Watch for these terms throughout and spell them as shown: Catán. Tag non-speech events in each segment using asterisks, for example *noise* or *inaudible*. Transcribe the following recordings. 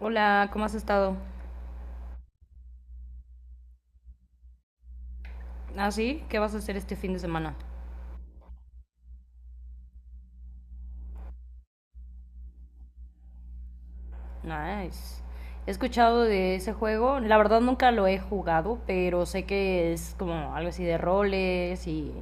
Hola, ¿cómo has estado? ¿Ah, sí? ¿Qué vas a hacer este fin de semana? Nice. He escuchado de ese juego. La verdad nunca lo he jugado, pero sé que es como algo así de roles y,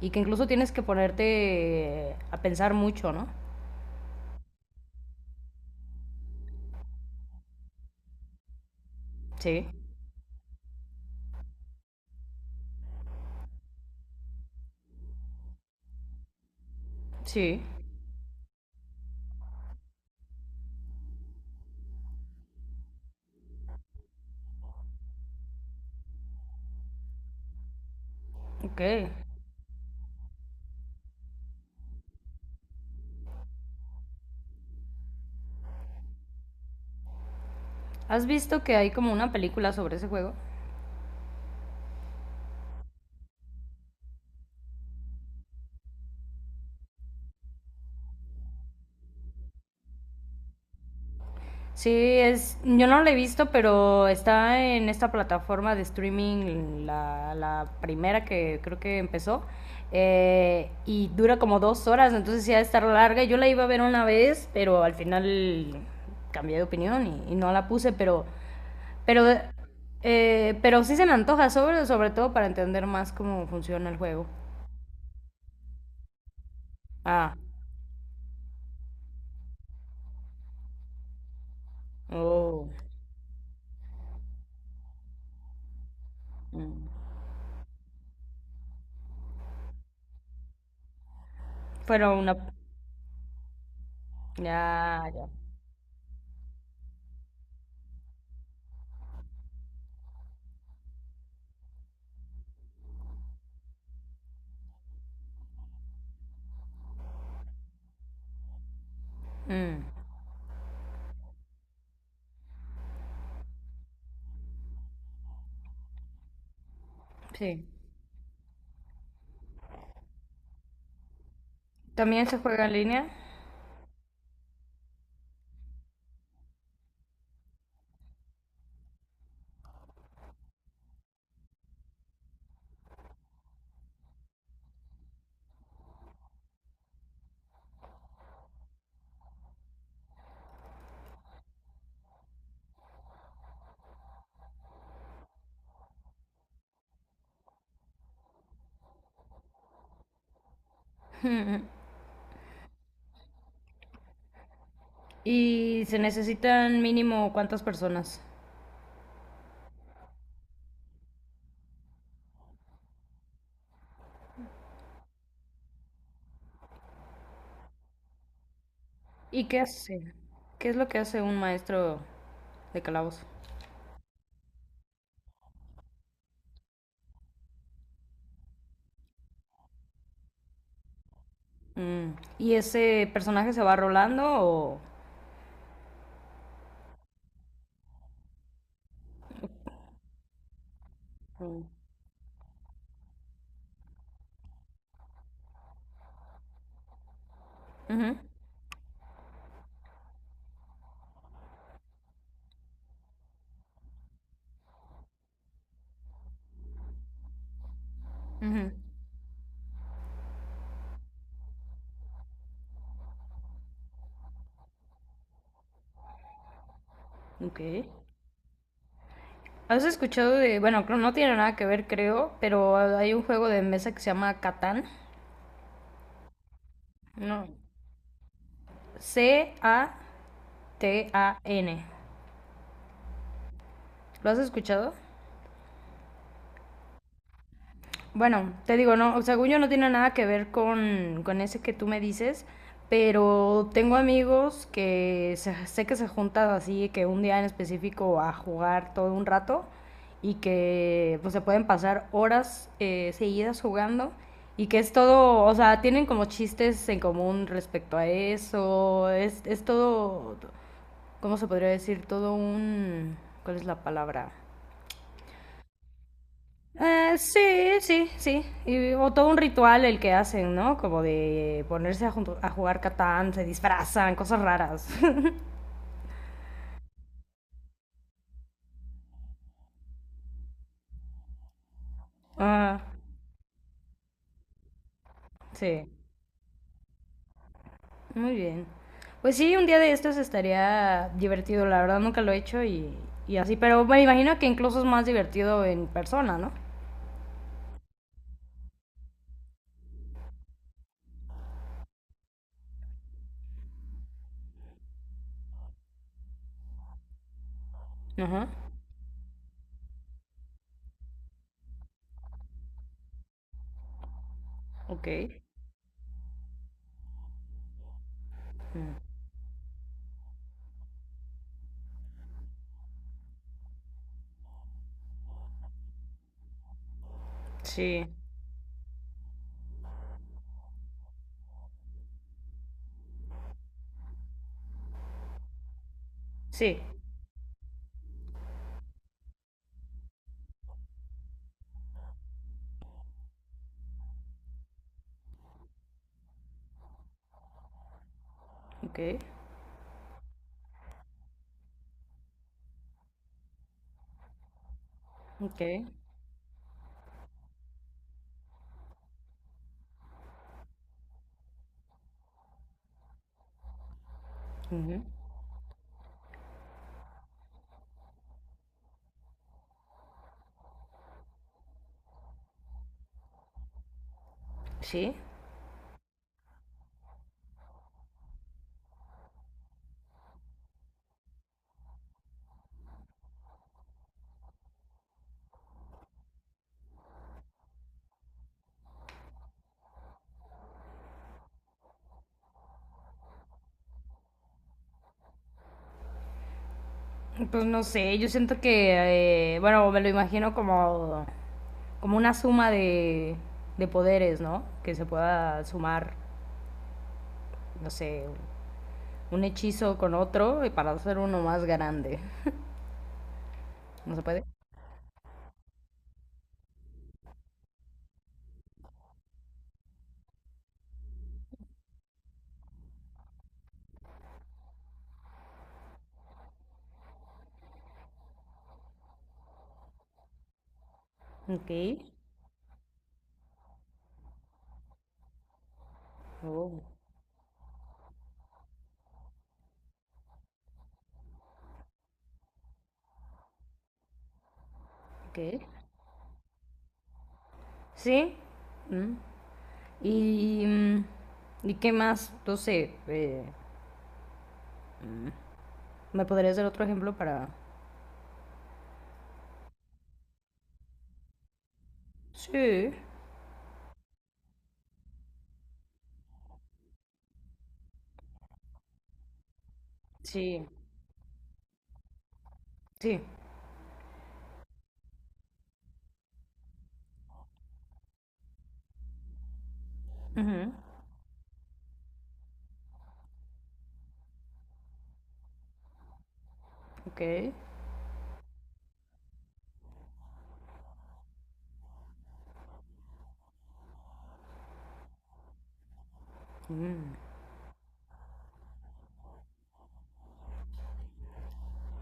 y que incluso tienes que ponerte a pensar mucho, ¿no? Sí, sí. Ok. ¿Has visto que hay como una película sobre ese juego? Sí, es, yo no la he visto, pero está en esta plataforma de streaming, la primera que creo que empezó, y dura como 2 horas, entonces sí ha de estar larga. Yo la iba a ver una vez, pero al final cambié de opinión y no la puse, pero, pero sí se me antoja, sobre todo para entender más cómo funciona el juego. Ah, oh, mm. Fueron una. Ya, ya. Mm, sí. ¿También se juega en línea? ¿Y se necesitan mínimo cuántas personas? ¿Y qué hace? ¿Qué es lo que hace un maestro de calabozo? Mm. ¿Y ese personaje se va rolando o...? o- Ujú, ujú, ok. ¿Has escuchado de...? Bueno, no tiene nada que ver, creo, pero hay un juego de mesa que se llama Catán. No. Catán. ¿Lo has escuchado? Bueno, te digo, no, según yo no tiene nada que ver con ese que tú me dices, pero tengo amigos que sé que se juntan así, que un día en específico a jugar todo un rato y que pues se pueden pasar horas seguidas jugando y que es todo, o sea, tienen como chistes en común respecto a eso, es todo, ¿cómo se podría decir? Todo un, ¿cuál es la palabra? Sí, sí, sí. Y, o todo un ritual el que hacen, ¿no? Como de ponerse a, a jugar Catán, se disfrazan, cosas raras. *laughs* Ajá, sí, muy bien. Pues sí, un día de estos estaría divertido, la verdad nunca lo he hecho y así, pero me imagino que incluso es más divertido en persona, ¿no? Ajá, ok. Sí, sí, ok, ok. Ujú, sí. Pues no sé, yo siento que, bueno, me lo imagino como una suma de poderes, ¿no? Que se pueda sumar, no sé, un hechizo con otro y para hacer uno más grande. ¿No se puede? Ok. Oh, ok. Sí. Mm. Y, ¿y qué más? No sé, ¿me podrías dar otro ejemplo para...? Sí. Sí. Sí. Ujú. Ok.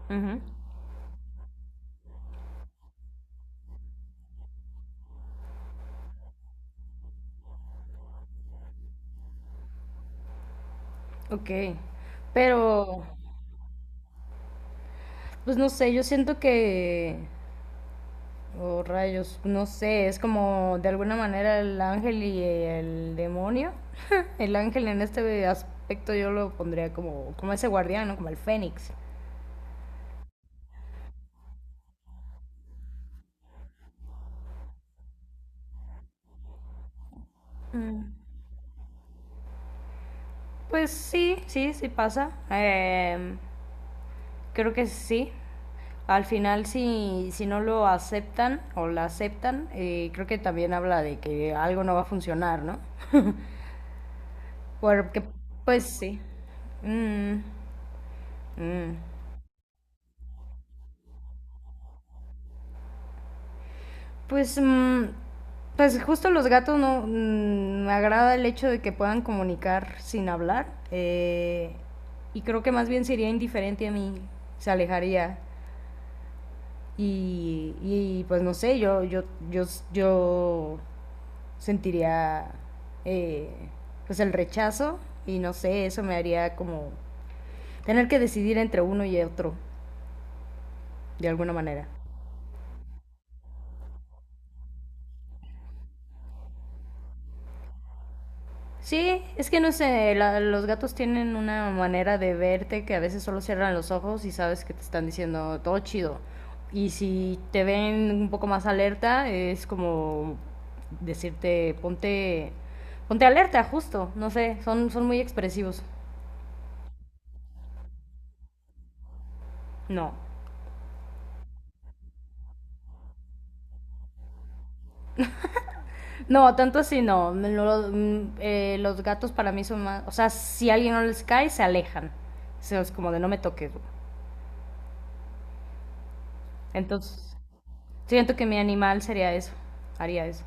Ujú. Ok, pero pues no sé, yo siento que, oh rayos, no sé, es como de alguna manera el ángel y el demonio. *laughs* El ángel en este aspecto yo lo pondría como, como ese guardián, ¿no? Como el fénix. Pues sí, sí, sí pasa. Creo que sí. Al final, si, si no lo aceptan o la aceptan, creo que también habla de que algo no va a funcionar, ¿no? Porque, pues sí. Mm. Mm, Pues, mm, pues justo los gatos no me agrada el hecho de que puedan comunicar sin hablar y creo que más bien sería indiferente a mí, se alejaría y, pues no sé, yo yo sentiría eh, pues el rechazo y no sé, eso me haría como tener que decidir entre uno y otro de alguna manera. Sí, es que no sé, los gatos tienen una manera de verte que a veces solo cierran los ojos y sabes que te están diciendo todo chido. Y si te ven un poco más alerta, es como decirte ponte alerta, justo, no sé, son muy expresivos. No. No, tanto así no. Los gatos para mí son más, o sea, si a alguien no les cae, se alejan. O sea, es como de no me toques, güey. Entonces, siento que mi animal sería eso, haría eso.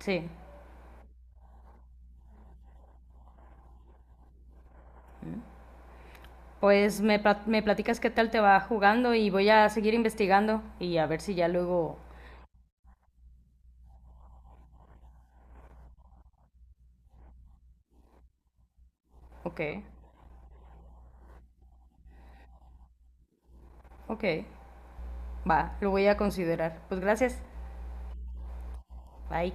Sí. Pues me platicas qué tal te va jugando y voy a seguir investigando y a ver si ya luego... Ok, ok. Va, lo voy a considerar. Pues gracias. Bye.